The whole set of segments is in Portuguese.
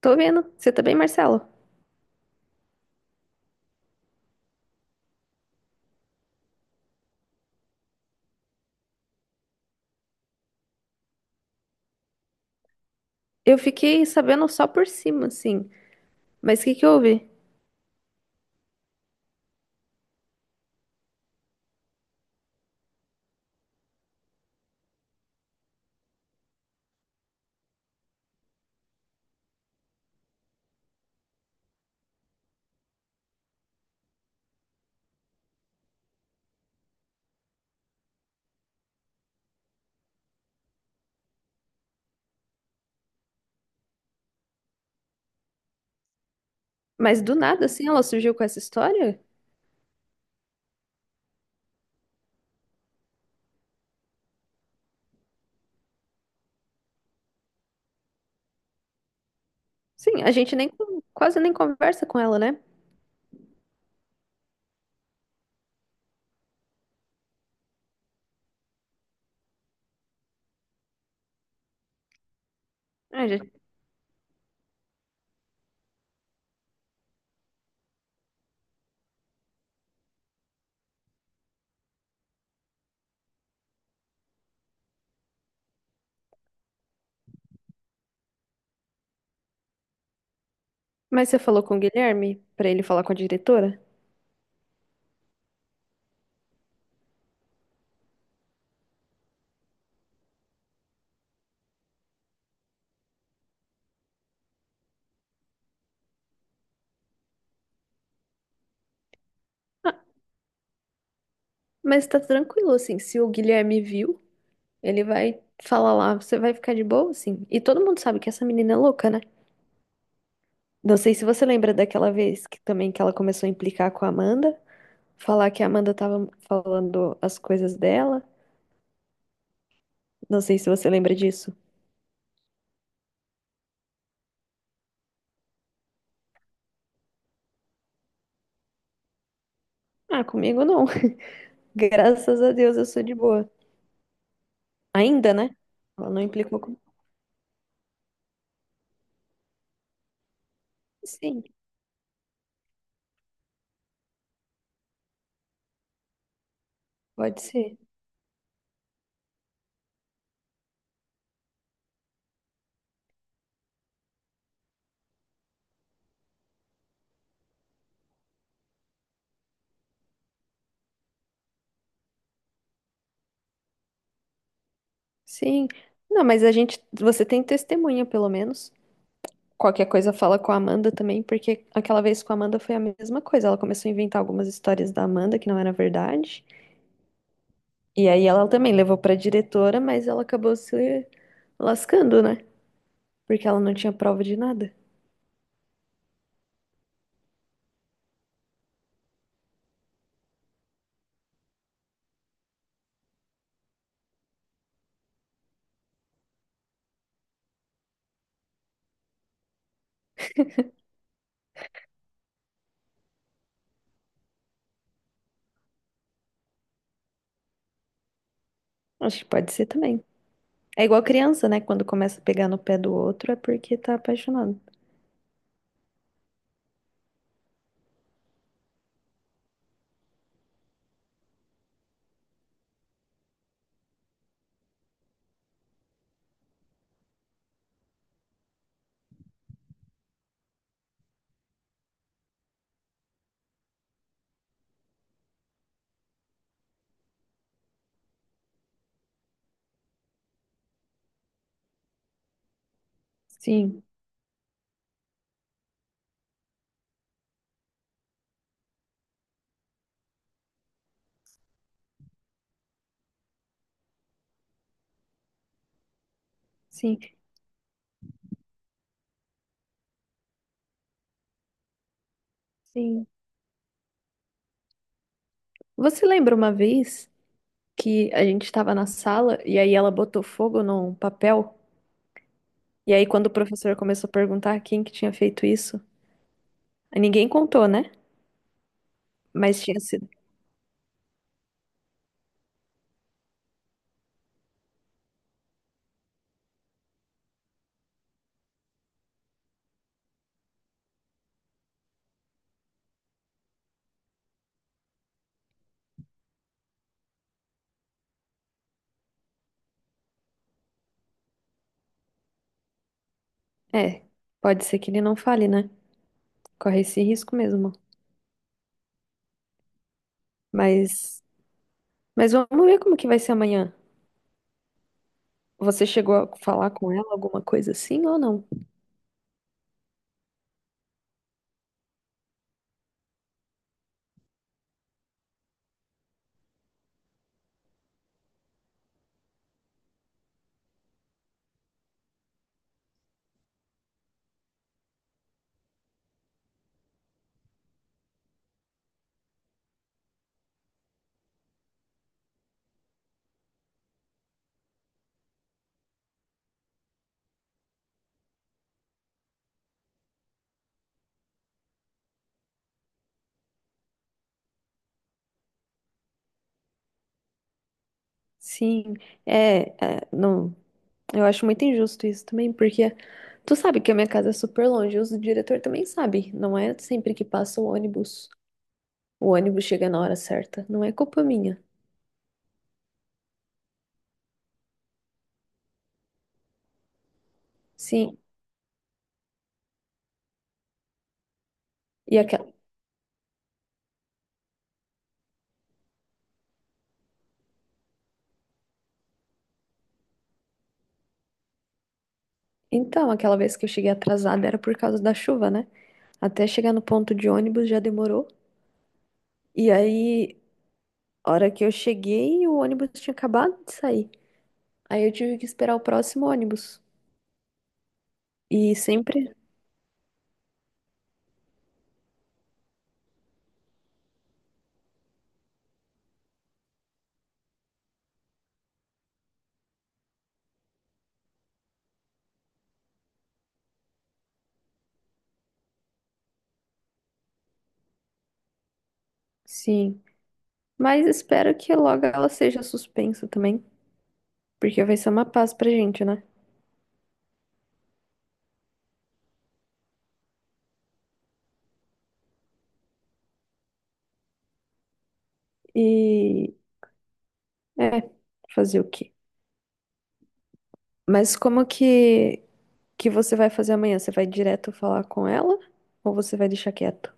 Tô vendo. Você tá bem, Marcelo? Eu fiquei sabendo só por cima, assim. Mas o que que houve? Mas do nada, assim, ela surgiu com essa história? Sim, a gente nem quase nem conversa com ela, né? Ah, gente. Mas você falou com o Guilherme pra ele falar com a diretora? Mas tá tranquilo, assim. Se o Guilherme viu, ele vai falar lá. Você vai ficar de boa, assim. E todo mundo sabe que essa menina é louca, né? Não sei se você lembra daquela vez que também que ela começou a implicar com a Amanda, falar que a Amanda tava falando as coisas dela. Não sei se você lembra disso. Ah, comigo não. Graças a Deus eu sou de boa. Ainda, né? Ela não implicou com... Sim, pode ser. Sim. Não, mas a gente, você tem testemunha, pelo menos. Qualquer coisa fala com a Amanda também, porque aquela vez com a Amanda foi a mesma coisa. Ela começou a inventar algumas histórias da Amanda que não era verdade. E aí ela também levou pra diretora, mas ela acabou se lascando, né? Porque ela não tinha prova de nada. Acho que pode ser também. É igual criança, né? Quando começa a pegar no pé do outro é porque tá apaixonado. Sim, sim, sim. Você lembra uma vez que a gente estava na sala e aí ela botou fogo num papel? E aí quando o professor começou a perguntar quem que tinha feito isso, ninguém contou, né? Mas tinha sido. É, pode ser que ele não fale, né? Corre esse risco mesmo. Mas, mas vamos ver como que vai ser amanhã. Você chegou a falar com ela alguma coisa assim ou não? Sim, é, é, não. Eu acho muito injusto isso também, porque tu sabe que a minha casa é super longe, o diretor também sabe. Não é sempre que passa o ônibus. O ônibus chega na hora certa. Não é culpa minha. Sim. E aquela... Então, aquela vez que eu cheguei atrasada era por causa da chuva, né? Até chegar no ponto de ônibus já demorou. E aí, a hora que eu cheguei, o ônibus tinha acabado de sair. Aí eu tive que esperar o próximo ônibus. E sempre, sim. Mas espero que logo ela seja suspensa também, porque vai ser uma paz pra gente, né? E é, fazer o quê? Mas como que você vai fazer amanhã? Você vai direto falar com ela ou você vai deixar quieto?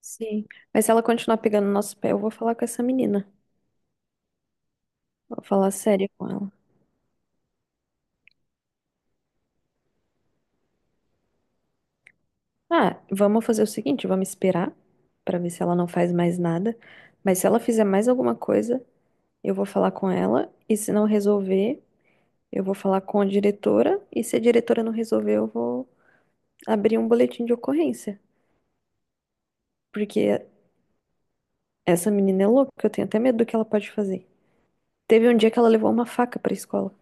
Sim. Mas se ela continuar pegando no nosso pé, eu vou falar com essa menina. Vou falar sério com ela. Ah, vamos fazer o seguinte, vamos esperar pra ver se ela não faz mais nada. Mas se ela fizer mais alguma coisa, eu vou falar com ela e se não resolver, eu vou falar com a diretora e se a diretora não resolver, eu vou abrir um boletim de ocorrência. Porque essa menina é louca, eu tenho até medo do que ela pode fazer. Teve um dia que ela levou uma faca pra escola.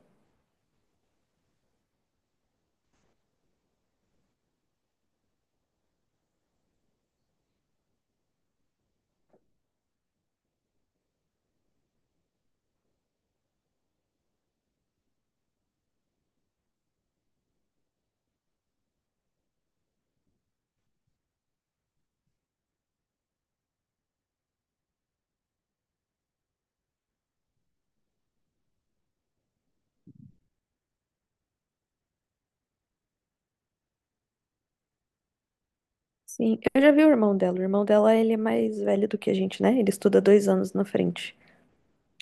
Sim, eu já vi o irmão dela. O irmão dela, ele é mais velho do que a gente, né? Ele estuda 2 anos na frente.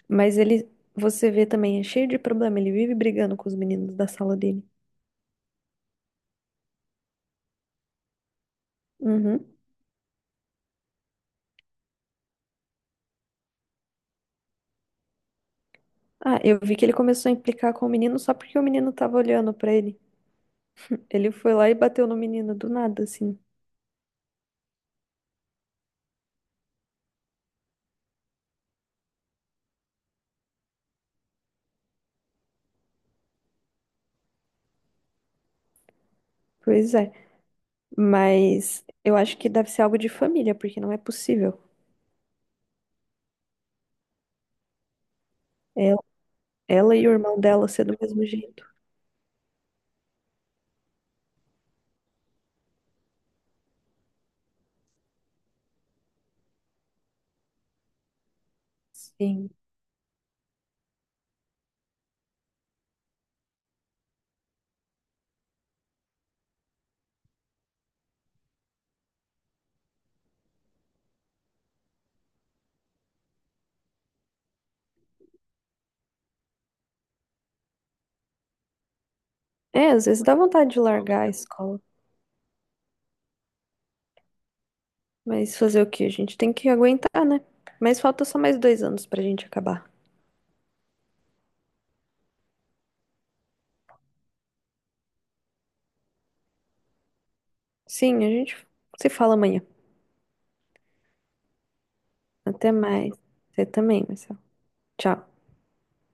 Mas ele, você vê também, é cheio de problema. Ele vive brigando com os meninos da sala dele. Uhum. Ah, eu vi que ele começou a implicar com o menino só porque o menino tava olhando pra ele. Ele foi lá e bateu no menino do nada, assim. Pois é. Mas eu acho que deve ser algo de família, porque não é possível. Ela, ela e o irmão dela ser do mesmo jeito. Sim. É, às vezes dá vontade de largar a escola. Mas fazer o quê? A gente tem que aguentar, né? Mas falta só mais 2 anos pra gente acabar. Sim, a gente se fala amanhã. Até mais. Você também, Marcelo. Tchau.